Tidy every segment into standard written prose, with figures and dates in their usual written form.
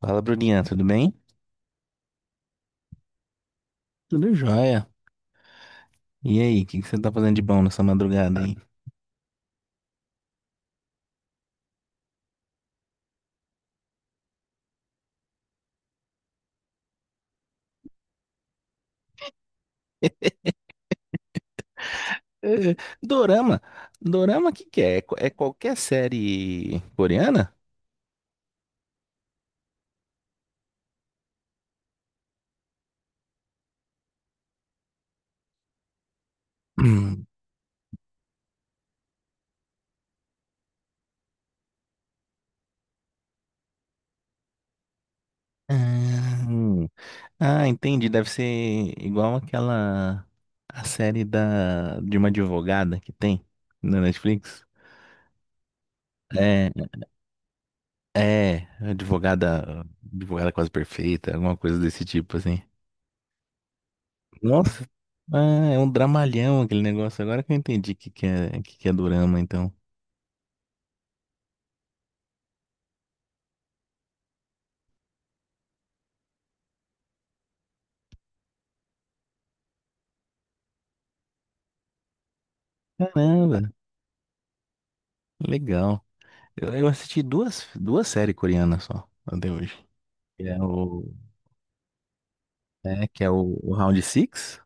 Fala, Bruninha, tudo bem? Tudo jóia. E aí, o que que você tá fazendo de bom nessa madrugada aí? É, é, Dorama? Dorama, o que que é? É qualquer série coreana? Hum. Ah. Ah, entendi. Deve ser igual aquela... a série da... de uma advogada que tem na Netflix. É, Advogada... Advogada quase perfeita, alguma coisa desse tipo, assim. Nossa, ah, é um dramalhão aquele negócio. Agora que eu entendi o que que é dorama, então. Caramba, legal. Eu assisti duas séries coreanas só, até hoje. Que é o, é, que é o Round Six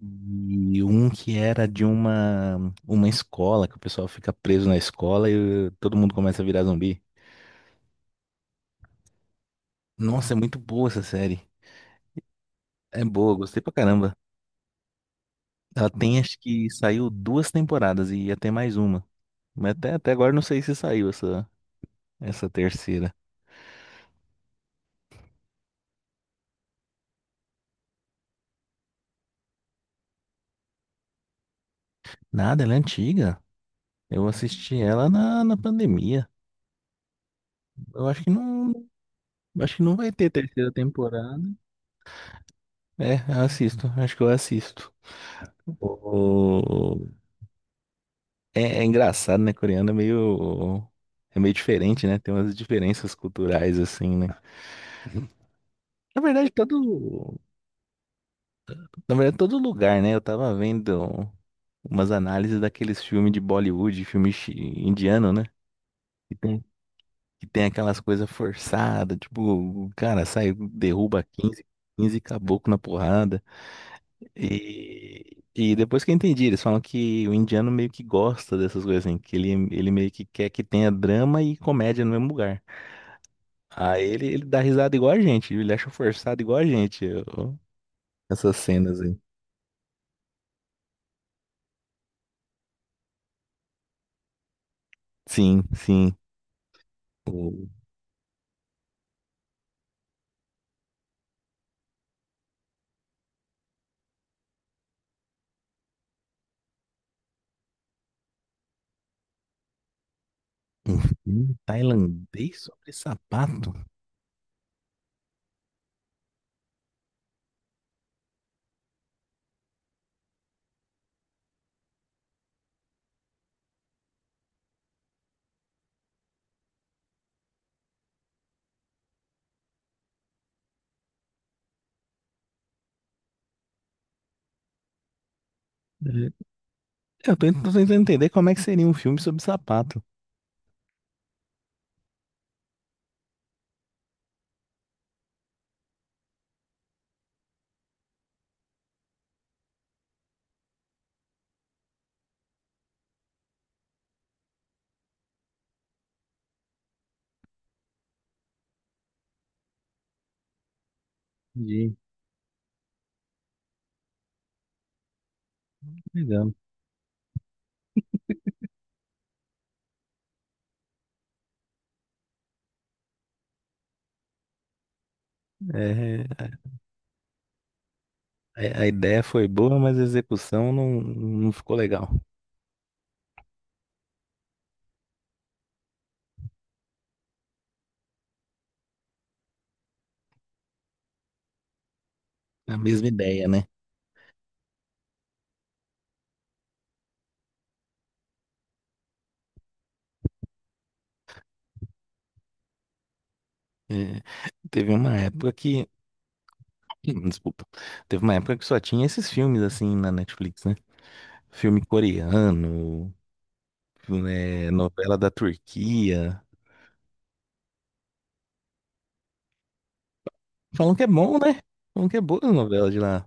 e um que era de uma escola, que o pessoal fica preso na escola e todo mundo começa a virar zumbi. Nossa, é muito boa essa série. É boa, gostei pra caramba. Ela tem, acho que saiu duas temporadas e ia ter mais uma. Mas até agora eu não sei se saiu essa, essa terceira. Nada, ela é antiga. Eu assisti ela na pandemia. Eu acho que não vai ter terceira temporada. É, eu assisto, acho que eu assisto. O- É, é engraçado, né? Coreano é meio diferente, né? Tem umas diferenças culturais assim, né? Na verdade, todo, na verdade, todo lugar, né? Eu tava vendo umas análises daqueles filmes de Bollywood, indiano, né? Que tem aquelas coisas forçadas, tipo, o cara sai, derruba quinze caboclo na porrada. E, depois que eu entendi, eles falam que o indiano meio que gosta dessas coisas assim, que ele meio que quer que tenha drama e comédia no mesmo lugar. Aí ele dá risada igual a gente, ele acha forçado igual a gente, essas cenas aí. Sim, sim. O- Um filme tailandês sobre sapato? É, eu tô tentando entender como é que seria um filme sobre sapato. Entendi. Legal. É, a ideia foi boa, mas a execução não, não ficou legal. É a mesma ideia, né? É, teve uma época que. Desculpa. Teve uma época que só tinha esses filmes assim na Netflix, né? Filme coreano, é, novela da Turquia. Falam que é bom, né? Falam que é boa a novela de lá.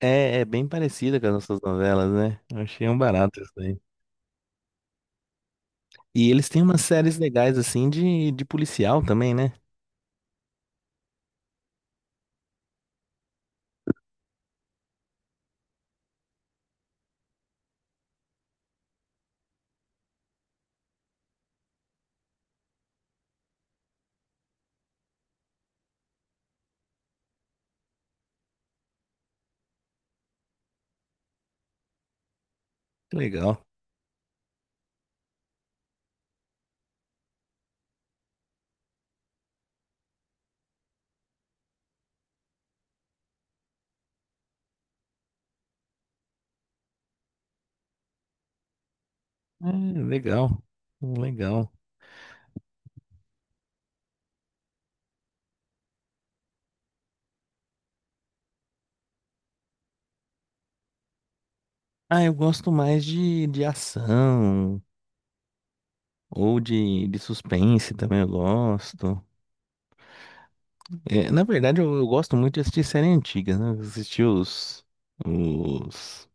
É, é bem parecida com as nossas novelas, né? Eu achei um barato isso aí. E eles têm umas séries legais assim de policial também, né? Que legal. É, legal. Legal. Ah, eu gosto mais de ação ou de suspense também eu gosto. É, na verdade, eu gosto muito de assistir série antiga, né? Assistir os...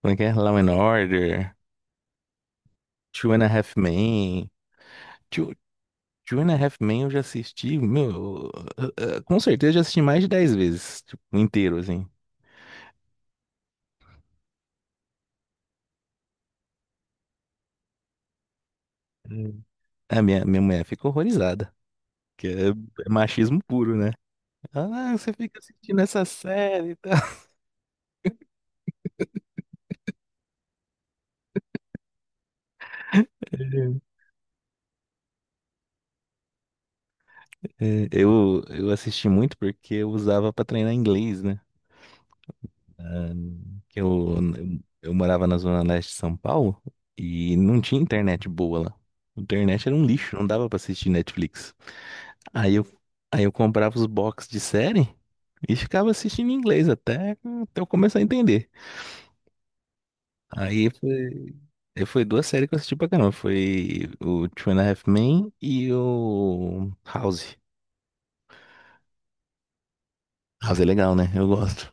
Como é que é? Law and Order, Two and a Half Men. Two, Two and a Half Men eu já assisti, meu, com certeza já assisti mais de 10 vezes, tipo, inteiro, assim. Hum. A minha mulher fica horrorizada, que é, é machismo puro, né? Ela, ah, você fica assistindo essa série e tal. É, eu assisti muito porque eu usava para treinar inglês, né? Que eu morava na zona leste de São Paulo e não tinha internet boa lá. A internet era um lixo, não dava para assistir Netflix. Aí eu, aí eu comprava os box de série e ficava assistindo em inglês até eu começar a entender. Aí foi, aí foi duas séries que eu assisti pra caramba. Foi o Two and a Half Men e o House. House é legal, né? Eu gosto.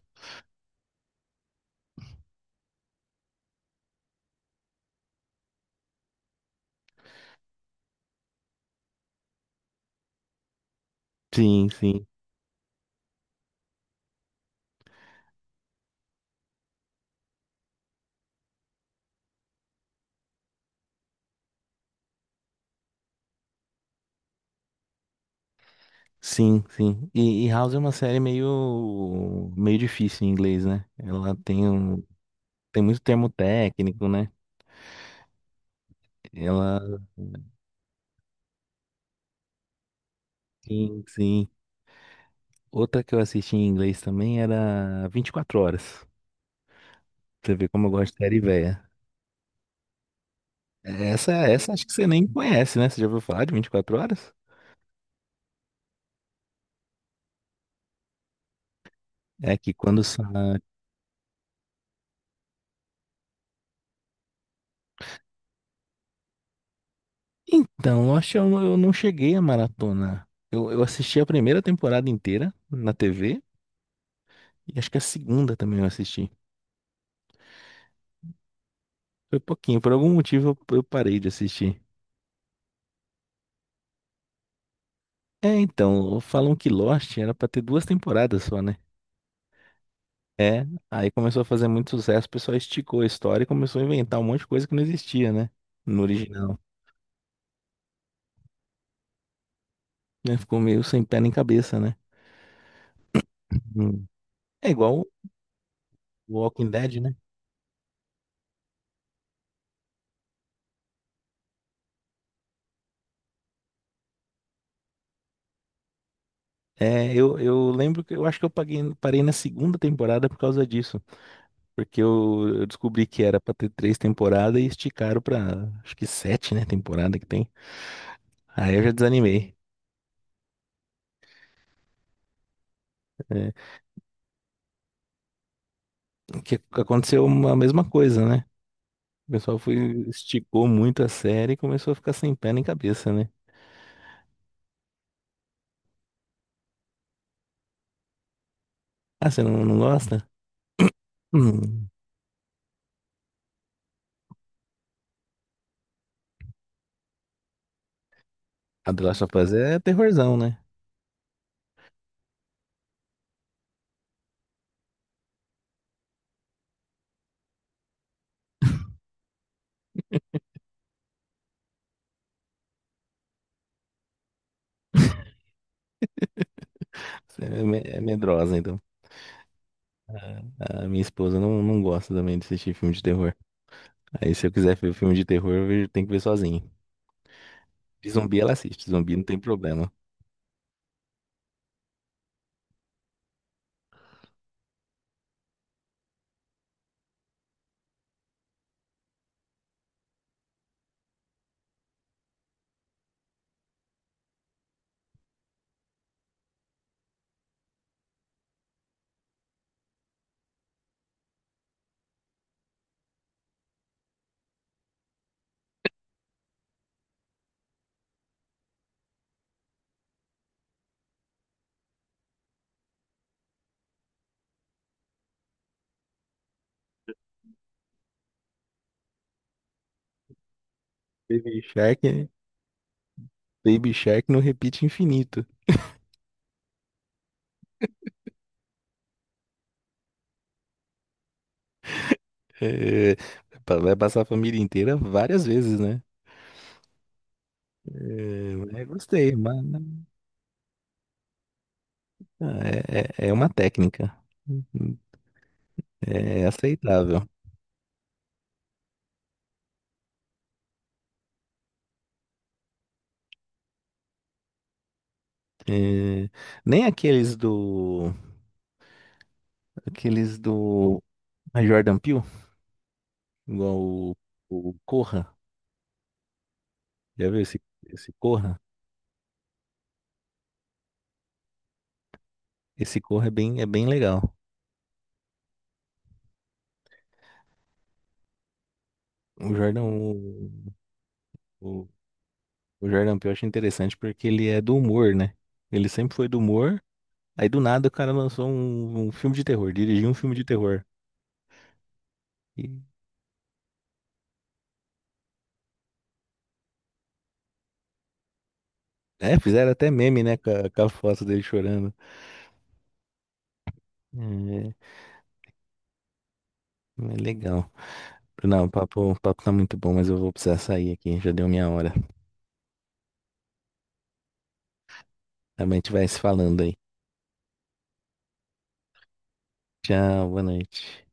Sim, sim. Sim, sim. E House é uma série meio, meio difícil em inglês, né? Ela tem um, tem muito termo técnico, né? Ela, sim, sim. Outra que eu assisti em inglês também era 24 Horas. Você vê como eu gosto de série velha. Essa acho que você nem conhece, né? Você já ouviu falar de 24 Horas? É que quando sai... Então, eu acho que eu não cheguei a maratona. Eu assisti a primeira temporada inteira na TV e acho que a segunda também eu assisti. Foi pouquinho, por algum motivo eu parei de assistir. É, então, falam que Lost era pra ter duas temporadas só, né? É, aí começou a fazer muito sucesso, o pessoal esticou a história e começou a inventar um monte de coisa que não existia, né? No original. Né, ficou meio sem pé nem cabeça, né? Hum. É igual o Walking Dead, né? É, eu lembro que eu acho que eu paguei, parei na segunda temporada por causa disso. Porque eu descobri que era pra ter três temporadas e esticaram pra acho que sete, né? Temporada que tem. Aí eu já desanimei. É, que aconteceu a mesma coisa, né? O pessoal foi, esticou muito a série e começou a ficar sem pé nem cabeça, né? Ah, você não, não gosta? Hum. A The Last of Us é terrorzão, né? É medrosa, então. A minha esposa não, não gosta também de assistir filme de terror. Aí, se eu quiser ver filme de terror, tenho que ver sozinho. De zumbi ela assiste, zumbi não tem problema. Baby Shark, Baby Shark não repite infinito. É, vai passar a família inteira várias vezes, né? É, mas gostei, mas ah, é, é é uma técnica. É aceitável. É, nem aqueles do. Aqueles do Jordan Peele, igual o Corra. Já viu esse, esse Corra? Esse Corra é bem legal. O Jordan, o, o, o Jordan Peele eu acho interessante porque ele é do humor, né? Ele sempre foi do humor. Aí do nada o cara lançou um, um filme de terror, dirigiu um filme de terror. E, é, fizeram até meme, né? Com a foto dele chorando. É, é legal. Não, o papo tá muito bom, mas eu vou precisar sair aqui. Já deu minha hora. Também a gente vai se falando aí. Tchau, boa noite.